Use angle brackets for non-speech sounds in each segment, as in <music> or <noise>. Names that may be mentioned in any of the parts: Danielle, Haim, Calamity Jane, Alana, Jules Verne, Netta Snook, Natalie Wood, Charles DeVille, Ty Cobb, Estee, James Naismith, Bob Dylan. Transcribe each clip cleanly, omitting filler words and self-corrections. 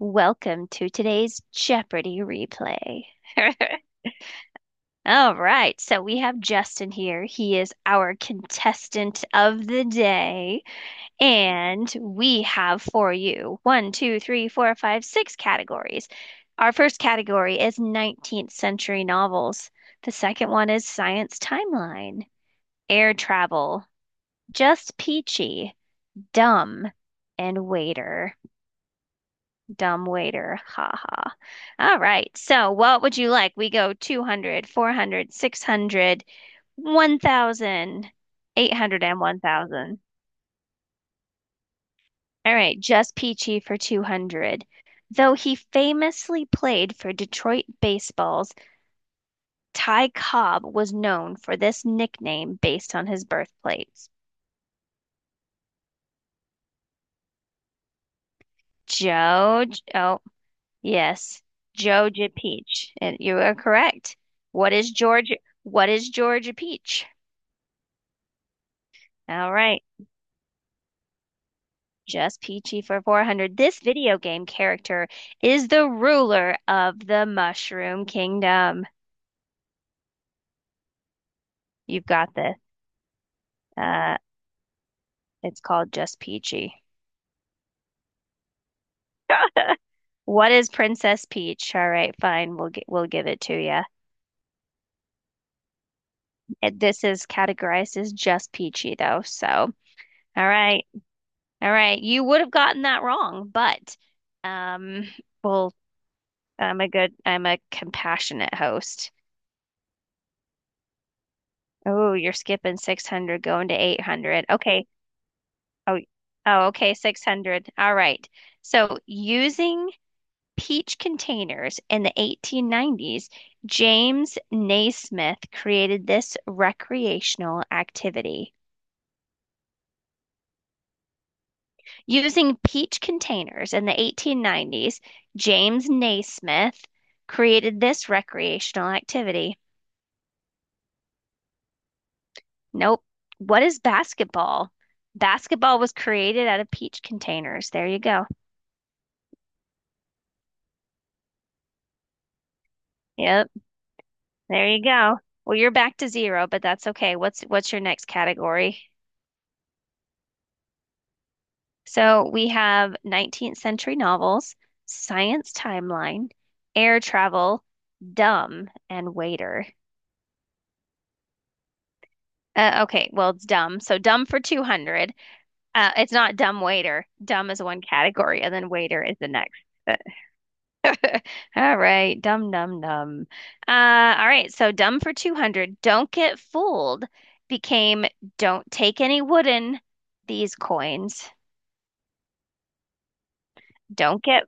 Welcome to today's Jeopardy replay. <laughs> All right, so we have Justin here. He is our contestant of the day, and we have for you one, two, three, four, five, six categories. Our first category is 19th century novels. The second one is science timeline, air travel, just peachy, dumb, and waiter. Dumb waiter. Ha ha. All right. So what would you like? We go 200, 400, 600, 1,000, eight hundred, and one thousand. All right. Just Peachy for 200. Though he famously played for Detroit Baseball's, Ty Cobb was known for this nickname based on his birthplace. Joe, oh, yes. Georgia Peach. And you are correct. What is Georgia? What is Georgia Peach? All right. Just Peachy for 400. This video game character is the ruler of the Mushroom Kingdom. You've got this. Uh, it's called Just Peachy. <laughs> What is Princess Peach? All right, fine. We'll get. We'll give it to you. This is categorized as just Peachy though. So, all right. All right. You would have gotten that wrong, but um well, I'm a compassionate host. Oh, you're skipping 600 going to 800. Okay. Oh, oh, okay, 600. All right. So, using peach containers in the 1890s, James Naismith created this recreational activity. Using peach containers in the 1890s, James Naismith created this recreational activity. Nope. What is basketball? Basketball was created out of peach containers. There you go. Yep. There you go. Well, you're back to zero, but that's okay. What's your next category? So we have 19th century novels, science timeline, air travel, dumb, and waiter. Okay, well, it's dumb. So dumb for 200. It's not dumb waiter. Dumb is one category, and then waiter is the next. <laughs> But- All right, dumb, dumb, dumb. All right, so dumb for 200. Don't get fooled became don't take any wooden these coins. Don't get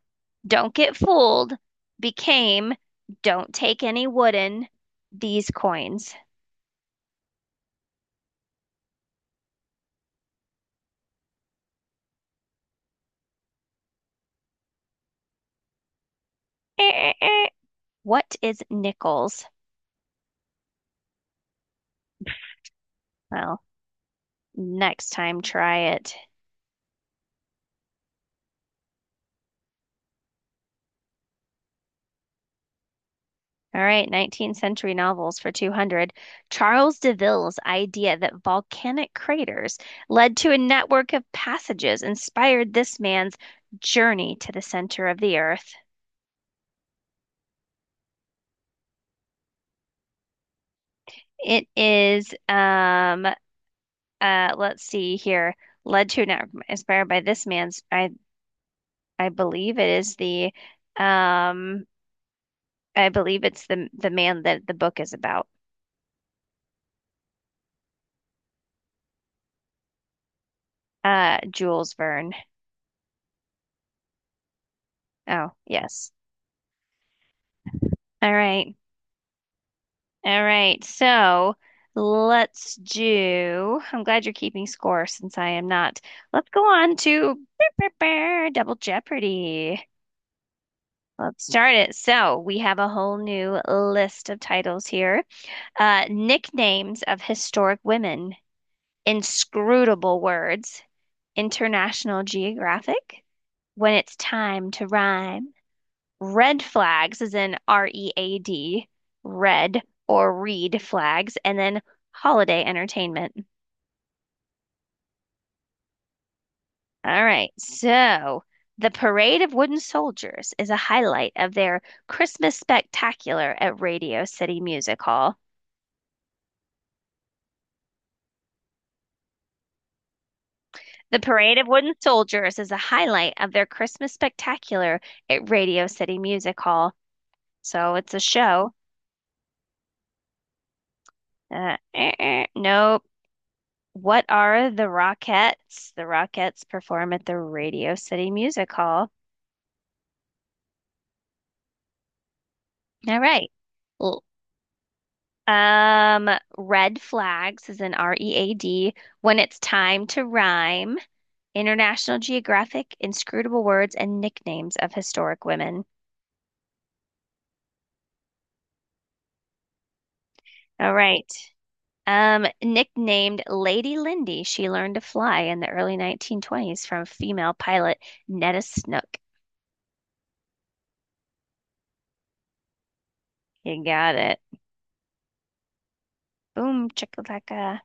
don't get fooled became don't take any wooden these coins. <laughs> Eh, eh, eh. What is nickels? Well, next time try it. All right, 19th century novels for 200. Charles DeVille's idea that volcanic craters led to a network of passages inspired this man's journey to the center of the earth. It is let's see here. Led to and inspired by this man's. I believe it is the. Um, I believe it's the man that the book is about. Jules Verne. Oh, yes. All right. All right. So let's do. I'm glad you're keeping score since I am not. Let's go on to <laughs> Double Jeopardy. Let's start it. So we have a whole new list of titles here. Nicknames of historic women, inscrutable words, International Geographic, when it's time to rhyme, red flags is in READ, red or read flags, and then holiday entertainment. All right, so the Parade of Wooden Soldiers is a highlight of their Christmas spectacular at Radio City Music Hall. The parade of wooden soldiers is a highlight of their Christmas spectacular at Radio City Music Hall. So it's a show. Nope. What are the Rockettes? The Rockettes perform at the Radio City Music Hall. All right. L- Um, red flags is an READ. When it's time to rhyme. International Geographic, inscrutable words and nicknames of historic women. All right. Nicknamed Lady Lindy, she learned to fly in the early 1920s from female pilot Netta Snook. You got it. Boom, chakalaka.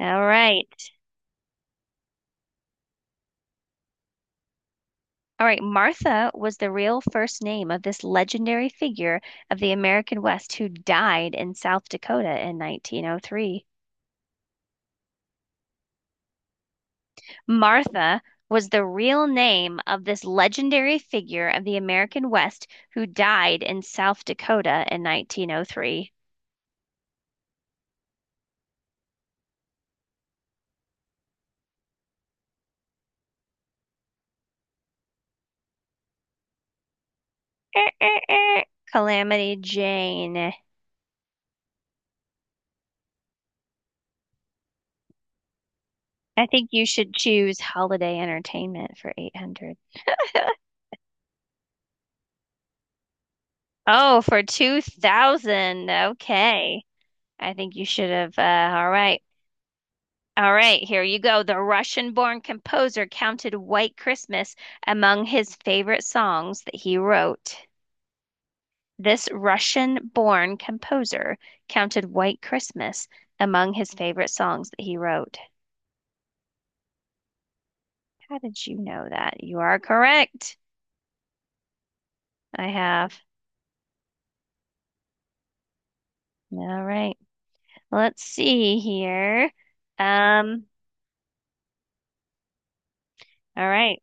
All right. All right. Martha was the real first name of this legendary figure of the American West who died in South Dakota in 1903. Martha was the real name of this legendary figure of the American West who died in South Dakota in 1903. Eh, eh, eh. Calamity Jane. I think you should choose Holiday Entertainment for 800. <laughs> Oh, for 2000. Okay. I think you should have. All right. All right. Here you go. The Russian-born composer counted White Christmas among his favorite songs that he wrote. This Russian-born composer counted White Christmas among his favorite songs that he wrote. How did you know that? You are correct. I have All right. Let's see here. Um, all right.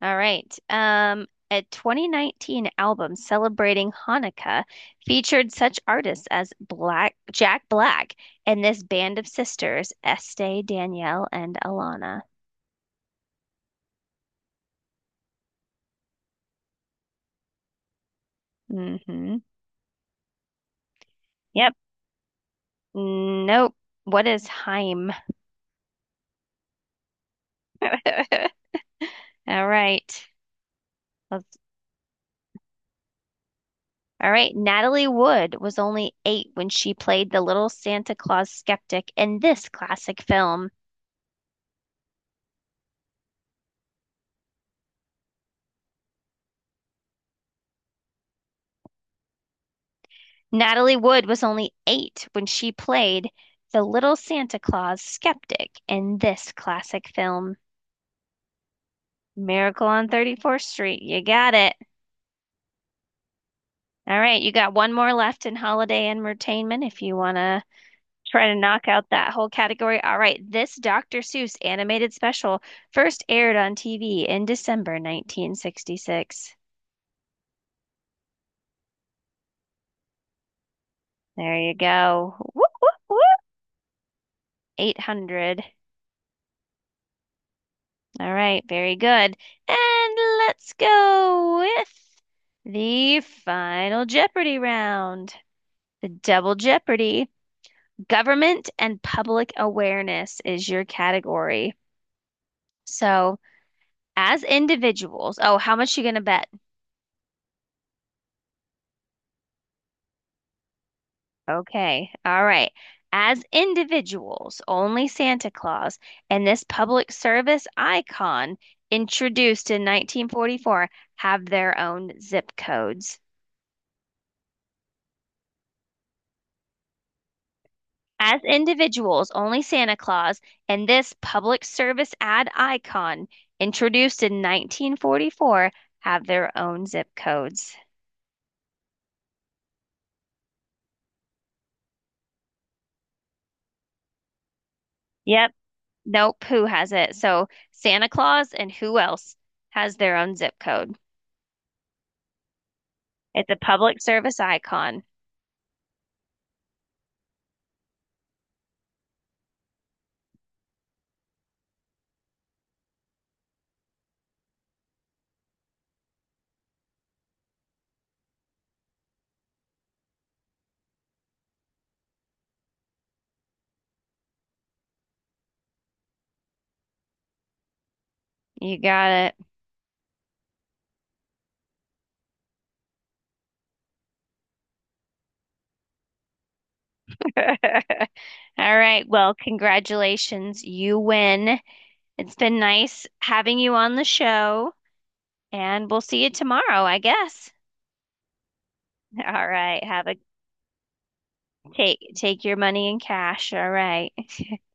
All right. A 2019 album celebrating Hanukkah featured such artists as Black Jack Black and this band of sisters, Estee, Danielle, and Alana. Mm-hmm. Yep. Nope. What is Haim? <laughs> All right. Let's- all right. Natalie Wood was only eight when she played the little Santa Claus skeptic in this classic film. Natalie Wood was only eight when she played the Little Santa Claus skeptic in this classic film, Miracle on 34th Street. You got it. All right, you got one more left in holiday entertainment if you want to try to knock out that whole category. All right, this Dr. Seuss animated special first aired on TV in December 1966. There you go. Whoop, whoop, whoop. 800. All right, very good. And let's go with the final Jeopardy round. The double Jeopardy. Government and public awareness is your category. So, as individuals, oh, how much you gonna bet? Okay, all right. As individuals, only Santa Claus and this public service icon introduced in 1944 have their own zip codes. As individuals, only Santa Claus and this public service ad icon, introduced in 1944, have their own zip codes. Yep, nope, who has it? So Santa Claus and who else has their own zip code? It's a public service icon. You got it. <laughs> All right, well, congratulations. You win. It's been nice having you on the show, and we'll see you tomorrow, I guess. <laughs> All right, have a take your money in cash. All right. <laughs>